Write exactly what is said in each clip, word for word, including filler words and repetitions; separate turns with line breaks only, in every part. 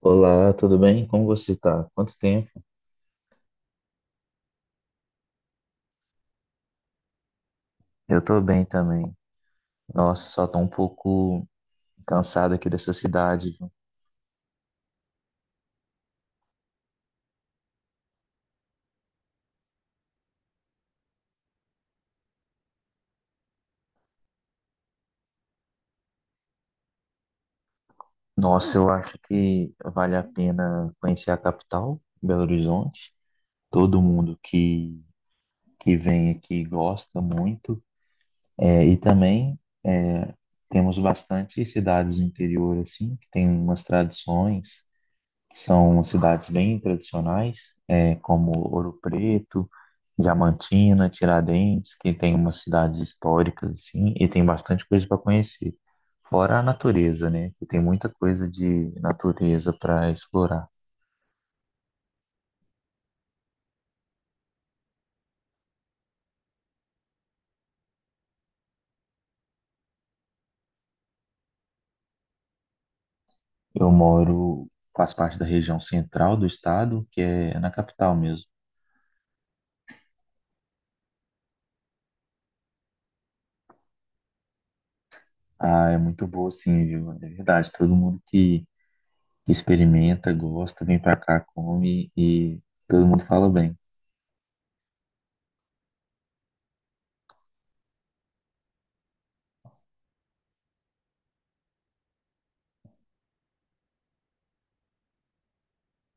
Olá, tudo bem? Como você tá? Quanto tempo? Eu tô bem também. Nossa, só tô um pouco cansado aqui dessa cidade, viu? Nossa, eu acho que vale a pena conhecer a capital, Belo Horizonte. Todo mundo que, que vem aqui gosta muito. É, e também é, temos bastante cidades do interior, assim, que tem umas tradições. São cidades bem tradicionais, é, como Ouro Preto, Diamantina, Tiradentes, que tem umas cidades históricas assim, e tem bastante coisa para conhecer. Fora a natureza, né? Que tem muita coisa de natureza para explorar. Eu moro, Faço parte da região central do estado, que é na capital mesmo. Ah, é muito boa, sim, viu? É verdade. Todo mundo que experimenta, gosta, vem para cá, come e todo mundo fala bem.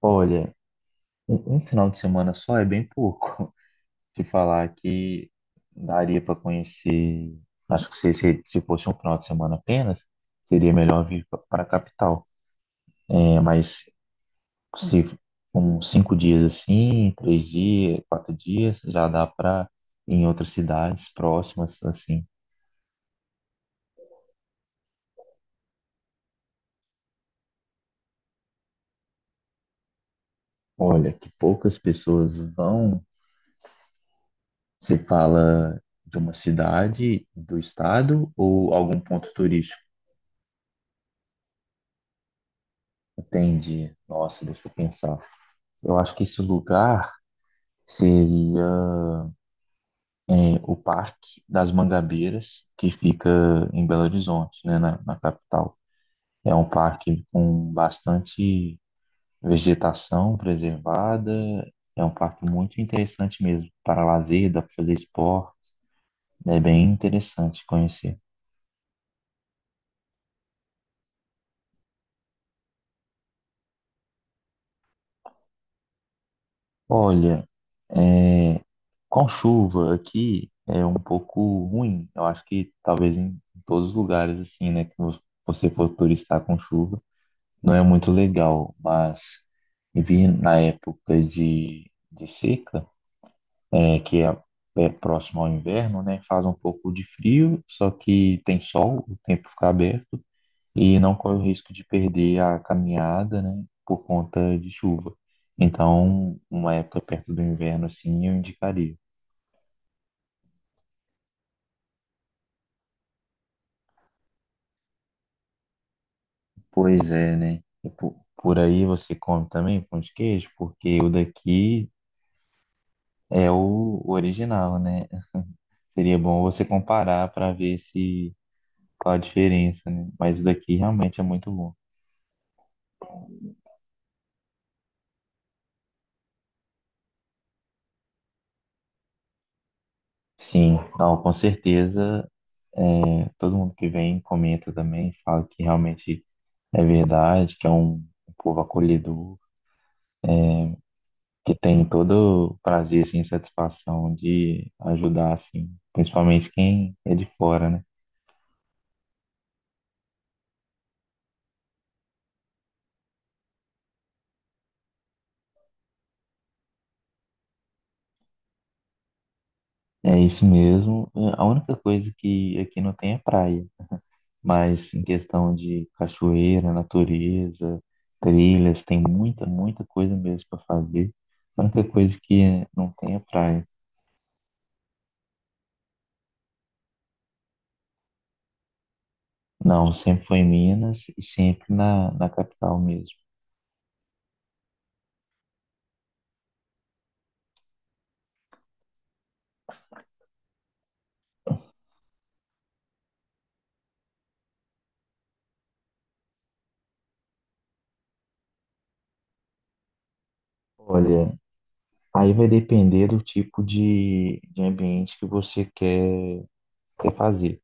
Olha, Um, um final de semana só é bem pouco. Te falar que daria para conhecer. Acho que se, se, se fosse um final de semana apenas, seria melhor vir para a capital. É, mas se uns cinco dias assim, três dias, quatro dias, já dá para ir em outras cidades próximas assim. Olha, que poucas pessoas vão. Se fala de uma cidade, do estado ou algum ponto turístico. Entendi. Nossa, deixa eu pensar. Eu acho que esse lugar seria é, o Parque das Mangabeiras, que fica em Belo Horizonte, né, na, na capital. É um parque com bastante vegetação preservada, é um parque muito interessante mesmo, para lazer, dá para fazer esporte, é bem interessante conhecer. Olha, é, com chuva aqui é um pouco ruim. Eu acho que talvez em todos os lugares assim, né, que vo- você for turistar com chuva, não é muito legal. Mas vir na época de, de seca, é, que é, é próximo ao inverno, né, faz um pouco de frio, só que tem sol, o tempo fica aberto e não corre o risco de perder a caminhada, né, por conta de chuva. Então, uma época perto do inverno, assim, eu indicaria. Pois é, né? E po- Por aí você come também pão de queijo, porque o daqui é o o original, né? Seria bom você comparar para ver se qual a diferença, né? Mas o daqui realmente é muito bom. Sim, não, com certeza. é, Todo mundo que vem comenta também, fala que realmente é verdade, que é um um povo acolhedor, que tem todo o prazer, assim, satisfação de ajudar, assim, principalmente quem é de fora, né? É isso mesmo. É, A única coisa que aqui não tem é praia, mas em questão de cachoeira, natureza, trilhas, tem muita, muita coisa mesmo para fazer. A única coisa que não tem é praia. Não, sempre foi em Minas e sempre na, na capital mesmo. Olha, aí vai depender do tipo de, de ambiente que você quer, quer fazer,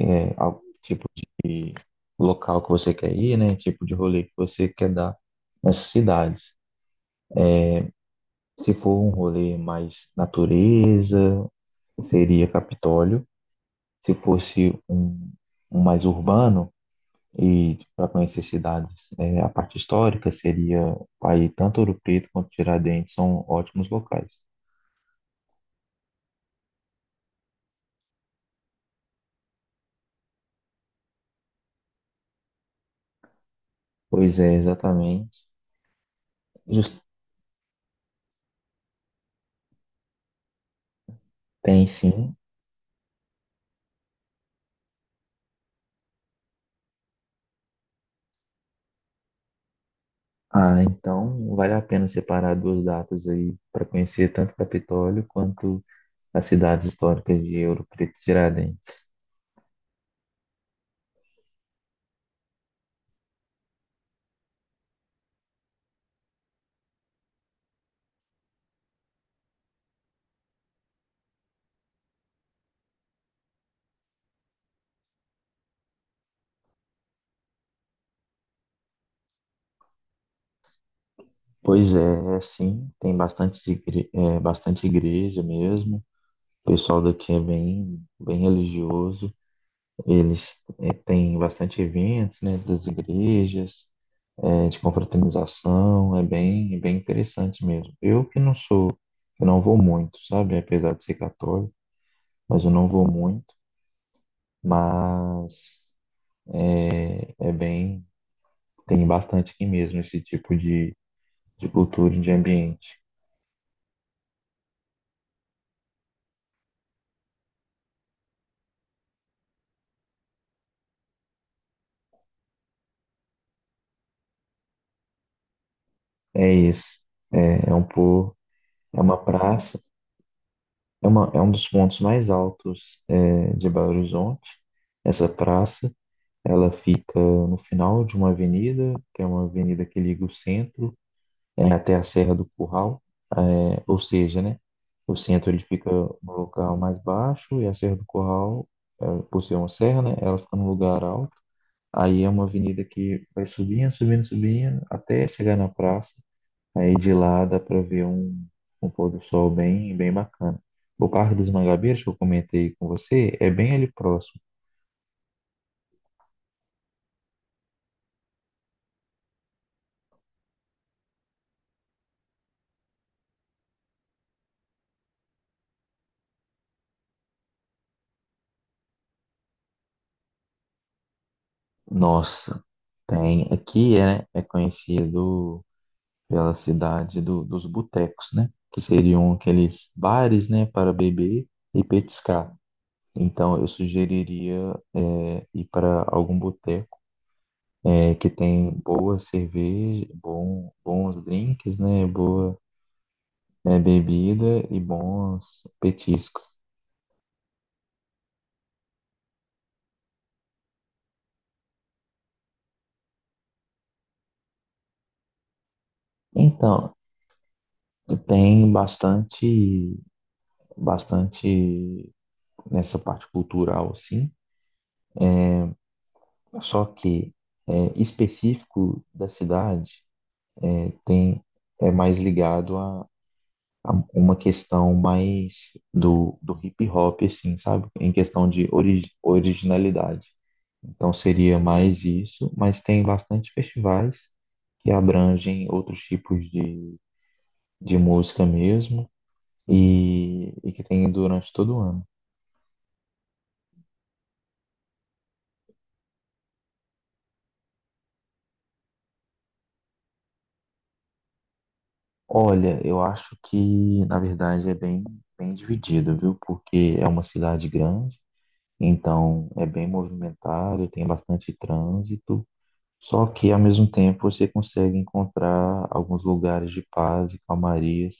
né? Al- tipo de local que você quer ir, né? Tipo de rolê que você quer dar nessas cidades. Se for um rolê mais natureza, seria Capitólio. Se fosse um, um mais urbano e para conhecer cidades, é, a parte histórica seria aí tanto Ouro Preto quanto Tiradentes são ótimos locais. Pois é, exatamente. Jus- Tem sim. Ah, então vale a pena separar duas datas aí para conhecer tanto Capitólio quanto as cidades históricas de Ouro Preto e Tiradentes. Pois é, sim, tem bastante, igre- é, bastante igreja mesmo. O pessoal daqui é bem, bem religioso. Eles é, têm bastante eventos, né, das igrejas, é, de confraternização. É bem, bem interessante mesmo. Eu que não sou, eu não vou muito, sabe? Apesar de ser católico, mas eu não vou muito. Mas é, é bem, tem bastante aqui mesmo esse tipo de, de cultura, e de ambiente. É isso. É, é um pouco. É uma praça, é, uma, é um dos pontos mais altos é, de Belo Horizonte. Essa praça, ela fica no final de uma avenida, que é uma avenida que liga o centro é, até a Serra do Curral, é, ou seja, né, o centro ele fica no local mais baixo e a Serra do Curral, é, por ser uma serra, né, ela fica num lugar alto. Aí é uma avenida que vai subindo, subindo, subindo, até chegar na praça. Aí de lá dá para ver um, um pôr do sol bem, bem bacana. O Parque dos Mangabeiras que eu comentei com você é bem ali próximo. Nossa, tem aqui é, é conhecido pela cidade do- dos botecos, né? Que seriam aqueles bares, né, para beber e petiscar. Então eu sugeriria é, ir para algum boteco é, que tem boa cerveja, bom, bons drinks, né? Boa né, bebida e bons petiscos. Então, tem bastante, bastante nessa parte cultural, sim. Só que é, específico da cidade é, tem é mais ligado a, a uma questão mais do, do hip hop, assim, sabe? Em questão de ori originalidade. Então seria mais isso, mas tem bastante festivais que abrangem outros tipos de de música mesmo e, e que tem durante todo o ano. Olha, eu acho que na verdade é bem, bem dividido, viu? Porque é uma cidade grande, então é bem movimentado, tem bastante trânsito, só que ao mesmo tempo você consegue encontrar alguns lugares de paz e calmarias,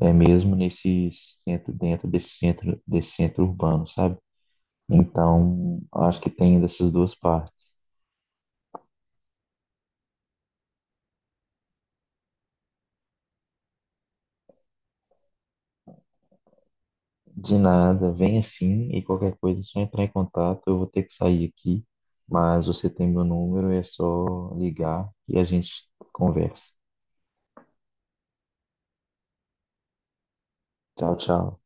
é mesmo nesse centro, dentro desse centro, desse centro urbano, sabe? Então, acho que tem dessas duas partes. De nada, vem assim e qualquer coisa é só entrar em contato. Eu vou ter que sair aqui, mas você tem meu número, é só ligar e a gente conversa. Tchau, tchau.